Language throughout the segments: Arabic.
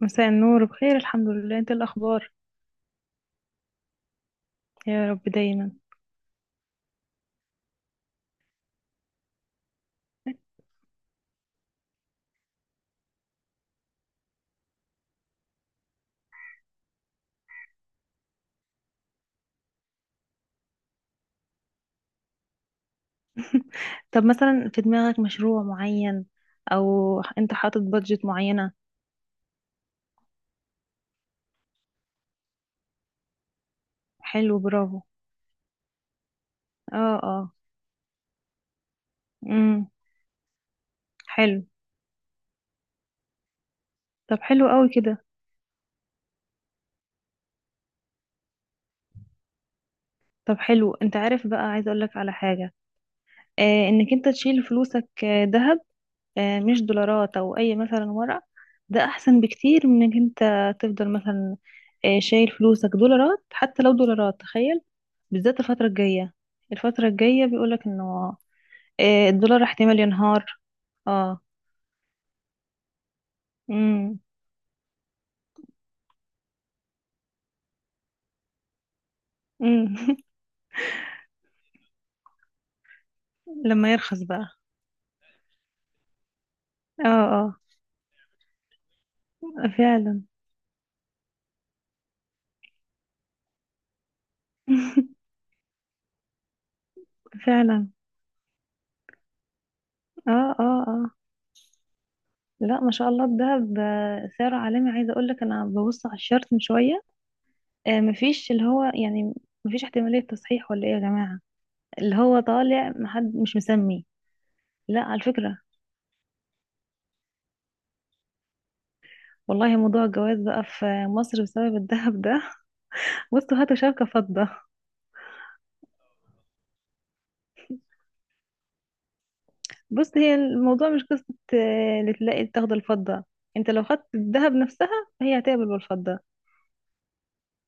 مساء النور، بخير الحمد لله. انت إيه الاخبار؟ يا رب دايما. طب مثلا في دماغك مشروع معين او انت حاطط بادجت معينة؟ حلو، برافو. اه، اه. امم حلو. طب حلو قوي كده. طب حلو، انت عارف بقى عايزه اقول لك على حاجة؟ آه، انك انت تشيل فلوسك دهب، مش دولارات او اي مثلا ورق. ده احسن بكتير من انك انت تفضل مثلا شايل فلوسك دولارات، حتى لو دولارات، تخيل. بالذات الفترة الجاية، الفترة الجاية بيقولك انه الدولار احتمال ينهار. اه. امم امم لما يرخص بقى. اه، اه. فعلا. فعلا. اه، اه، اه. لا، ما شاء الله الدهب سعره عالمي. عايزه اقول لك انا ببص على الشارت من شويه، مفيش اللي هو يعني مفيش احتماليه تصحيح ولا ايه يا جماعه؟ اللي هو طالع، محد مش مسمي. لا، على فكرة، والله موضوع الجواز بقى في مصر بسبب الذهب ده بصوا هاتوا شبكة فضة. بص، هي الموضوع مش قصة اللي تلاقي تاخد الفضة. انت لو خدت الذهب نفسها، فهي هتقبل بالفضة.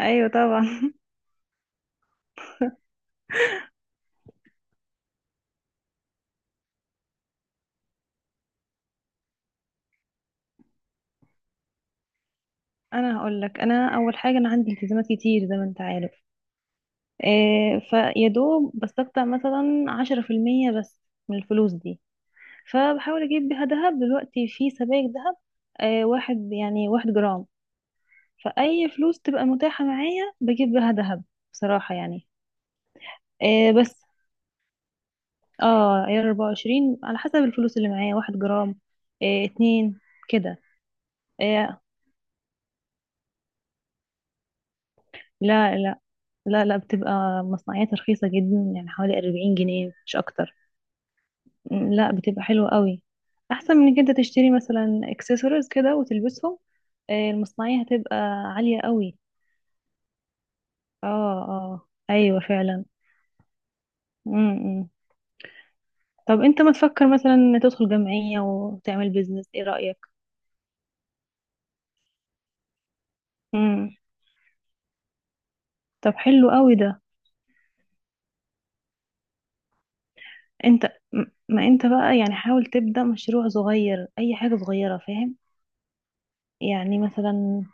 ايوه طبعا. انا هقول لك، انا اول حاجة انا عندي التزامات كتير زي ما انت عارف. إيه، فيا دوب بستقطع مثلا 10% بس من الفلوس دي. فبحاول اجيب بيها ذهب دلوقتي، في سبائك ذهب واحد يعني واحد جرام. فأي فلوس تبقى متاحة معايا بجيب بها ذهب بصراحة يعني. إيه بس، اه، عيار 24 على حسب الفلوس اللي معايا، واحد جرام، إيه اتنين كده. إيه، لا لا، لا بتبقى مصنعيات رخيصة جدا، يعني حوالي 40 جنيه مش أكتر. لا بتبقى حلوة قوي، أحسن من إنك أنت تشتري مثلا اكسسوارز كده وتلبسهم، إيه المصنعية هتبقى عالية قوي. اه، اه أيوة فعلا. م -م. طب انت ما تفكر مثلا ان تدخل جمعية وتعمل بيزنس، ايه رأيك؟ امم طب حلو قوي ده. انت ما انت بقى يعني حاول تبدأ مشروع صغير، اي حاجة صغيرة، فاهم؟ يعني مثلا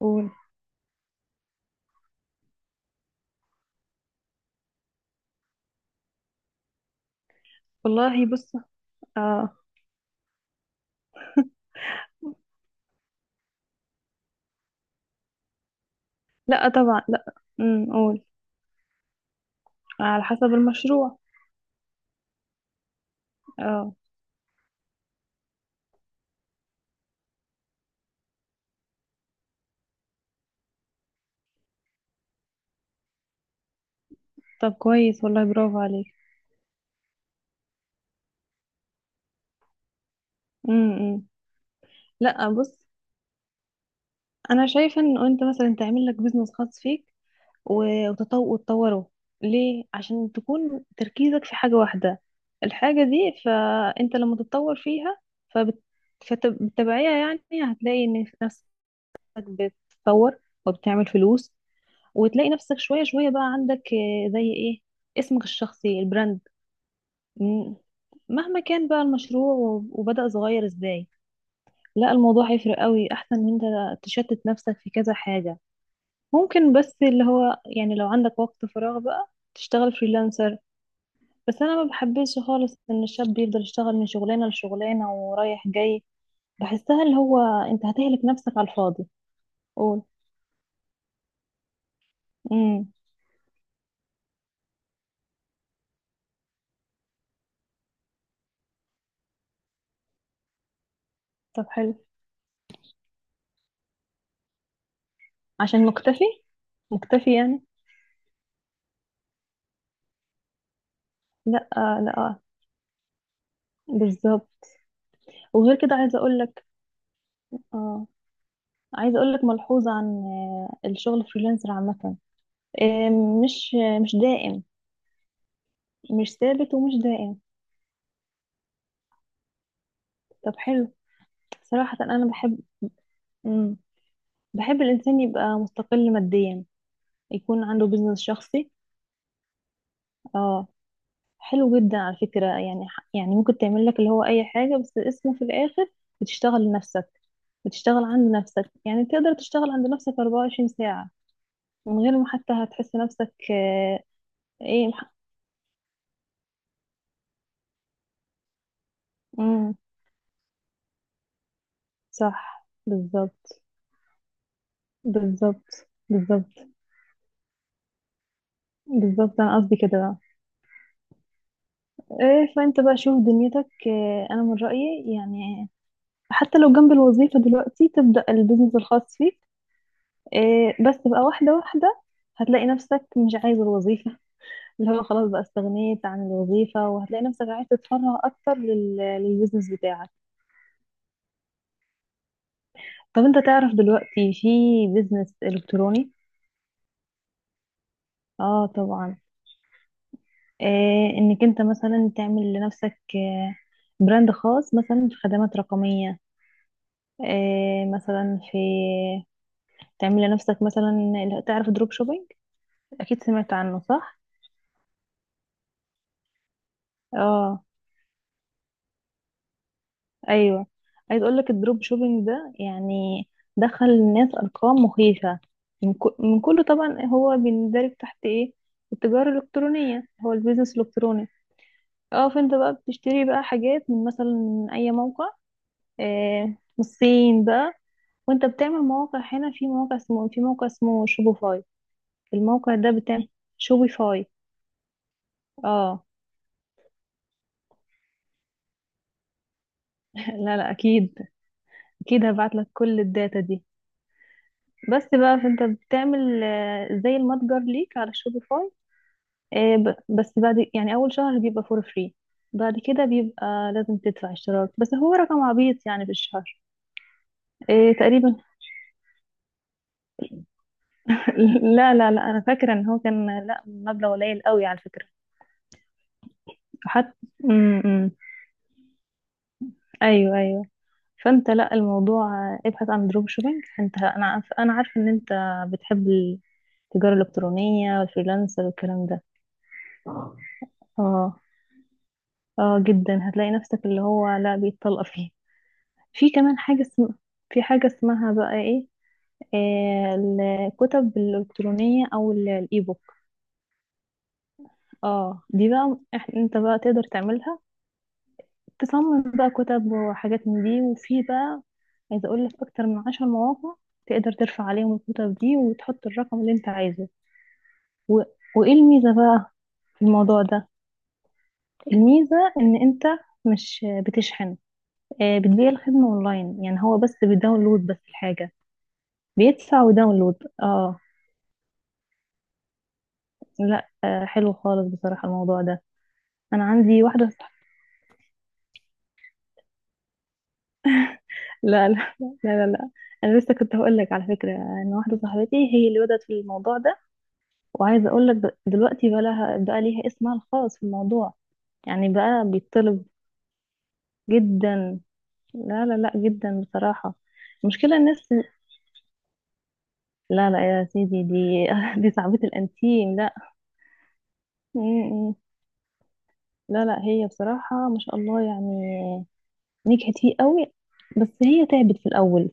قول. والله بص، اه، لا طبعا لا. قول. على حسب المشروع. اه، طب كويس والله، برافو عليك. امم لا بص، انا شايفة ان انت مثلا تعمل لك بيزنس خاص فيك وتطوره، ليه؟ عشان تكون تركيزك في حاجة واحدة، الحاجة دي. فأنت لما تتطور فيها، فبت... فبالتبعية يعني هتلاقي إن نفسك بتتطور وبتعمل فلوس، وتلاقي نفسك شوية شوية بقى عندك زي إيه، اسمك الشخصي، البراند. م- مهما كان بقى المشروع وبدأ صغير إزاي، لا الموضوع هيفرق قوي، أحسن من أنت تشتت نفسك في كذا حاجة. ممكن بس اللي هو يعني لو عندك وقت فراغ بقى تشتغل فريلانسر، بس انا ما بحبش خالص ان الشاب يفضل يشتغل من شغلانه لشغلانه ورايح جاي. بحسها اللي هو، انت هتهلك نفسك على الفاضي. قول. امم طب حلو، عشان مكتفي. مكتفي يعني؟ لا لا، بالظبط. وغير كده عايزه اقول لك، اه، عايزه اقول لك ملحوظه عن الشغل فريلانسر عامه، آه، مش، مش دائم. مش ثابت ومش دائم. طب حلو. صراحه انا بحب، مم. بحب الإنسان يبقى مستقل ماديا، يكون عنده بيزنس شخصي. اه، حلو جدا على فكرة، يعني يعني ممكن تعمل لك اللي هو أي حاجة، بس اسمه في الآخر بتشتغل لنفسك، بتشتغل عند نفسك، يعني تقدر تشتغل عند نفسك 24 ساعة من غير ما حتى هتحس نفسك ايه مح... مم. صح بالظبط، بالظبط بالظبط. بالظبط، أنا قصدي كده بقى. إيه، فأنت بقى شوف دنيتك، أنا من رأيي يعني حتى لو جنب الوظيفة دلوقتي تبدأ البيزنس الخاص فيك، إيه، بس بقى واحدة واحدة. هتلاقي نفسك مش عايز الوظيفة اللي هو خلاص بقى استغنيت عن الوظيفة، وهتلاقي نفسك عايز تتفرغ أكتر للبيزنس بتاعك. طب أنت تعرف دلوقتي في بيزنس إلكتروني؟ آه طبعا. إيه، إنك أنت مثلا تعمل لنفسك براند خاص مثلا في خدمات رقمية. إيه مثلا في، تعمل لنفسك مثلا. تعرف دروب شوبينج؟ أكيد سمعت عنه صح؟ اه، ايوه. عايز اقول لك الدروب شوبينج ده يعني دخل الناس ارقام مخيفه من كله طبعا، هو بيندرج تحت ايه؟ التجاره الالكترونيه، هو البيزنس الالكتروني. اه، فانت بقى بتشتري بقى حاجات من مثلا من اي موقع، آه من الصين بقى. وانت بتعمل مواقع هنا، في موقع اسمه شوبيفاي. الموقع ده بتاع شوبيفاي. اه. لا لا، اكيد، اكيد هبعت لك كل الداتا دي. بس بقى فانت بتعمل زي المتجر ليك على شوبيفاي. بس بعد يعني اول شهر بيبقى فور فري، بعد كده بيبقى لازم تدفع اشتراك، بس هو رقم عبيط يعني في الشهر. تقريبا. لا، انا فاكره ان هو كان، لا، مبلغ قليل قوي على فكره، حتى. امم ايوه ايوه. فانت، لا الموضوع ابحث عن دروب شوبينج. انت، انا عارفه ان انت بتحب التجاره الالكترونيه والفريلانسر والكلام ده. اه، اه جدا، هتلاقي نفسك اللي هو لا بيتطلق فيه. في كمان حاجة في حاجة اسمها بقى ايه، آه، الكتب الإلكترونية أو الإيبوك. اه، دي بقى انت بقى تقدر تعملها، تصمم بقى كتب وحاجات من دي. وفي بقى، عايزة أقول لك، أكتر من 10 مواقع تقدر ترفع عليهم الكتب دي وتحط الرقم اللي انت عايزه. و... وإيه الميزة بقى في الموضوع ده؟ الميزة إن انت مش بتشحن، بتبيع الخدمة اونلاين، يعني هو بس بيداونلود بس الحاجة، بيدفع وداونلود. اه. لا حلو خالص بصراحة الموضوع ده. انا عندي واحدة صح... لا لا، لا، انا لسه كنت هقول لك على فكرة ان واحدة صاحبتي هي اللي بدأت في الموضوع ده. وعايزة اقول لك دلوقتي بقى ليها اسمها الخاص في الموضوع، يعني بقى بيطلب. جدا. لا جدا بصراحة. المشكلة الناس، لا لا يا سيدي، دي دي صعبة الانتيم، لا. م- م. لا لا، هي بصراحة ما شاء الله يعني نجحت فيه قوي، بس هي تعبت في الأول.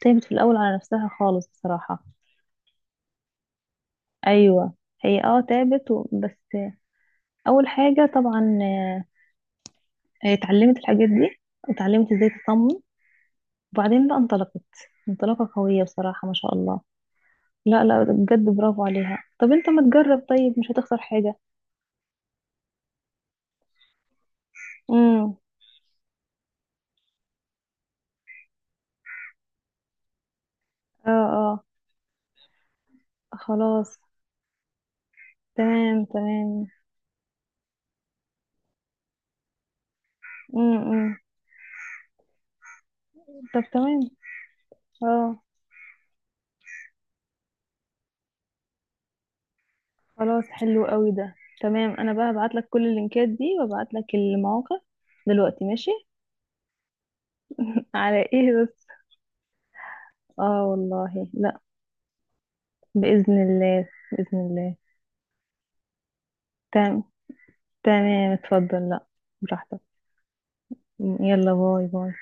تعبت في الأول على نفسها خالص بصراحة. أيوة هي اه تعبت بس. أول حاجة طبعا هي اتعلمت الحاجات دي، واتعلمت ازاي تصمم، وبعدين بقى انطلقت، انطلاقة قوية بصراحة ما شاء الله. لا لا، بجد برافو عليها. طب انت ما تجرب؟ طيب مش هتخسر حاجة. امم اه اه. خلاص. تمام تمام. امم طب تمام. اه، خلاص، حلو قوي ده. تمام، انا بقى هبعت لك كل اللينكات دي وابعت لك المواقع دلوقتي، ماشي. على ايه بس؟ اه والله لا. باذن الله، باذن الله. تمام تمام، اتفضل، لا، براحتك. يلا، باي باي.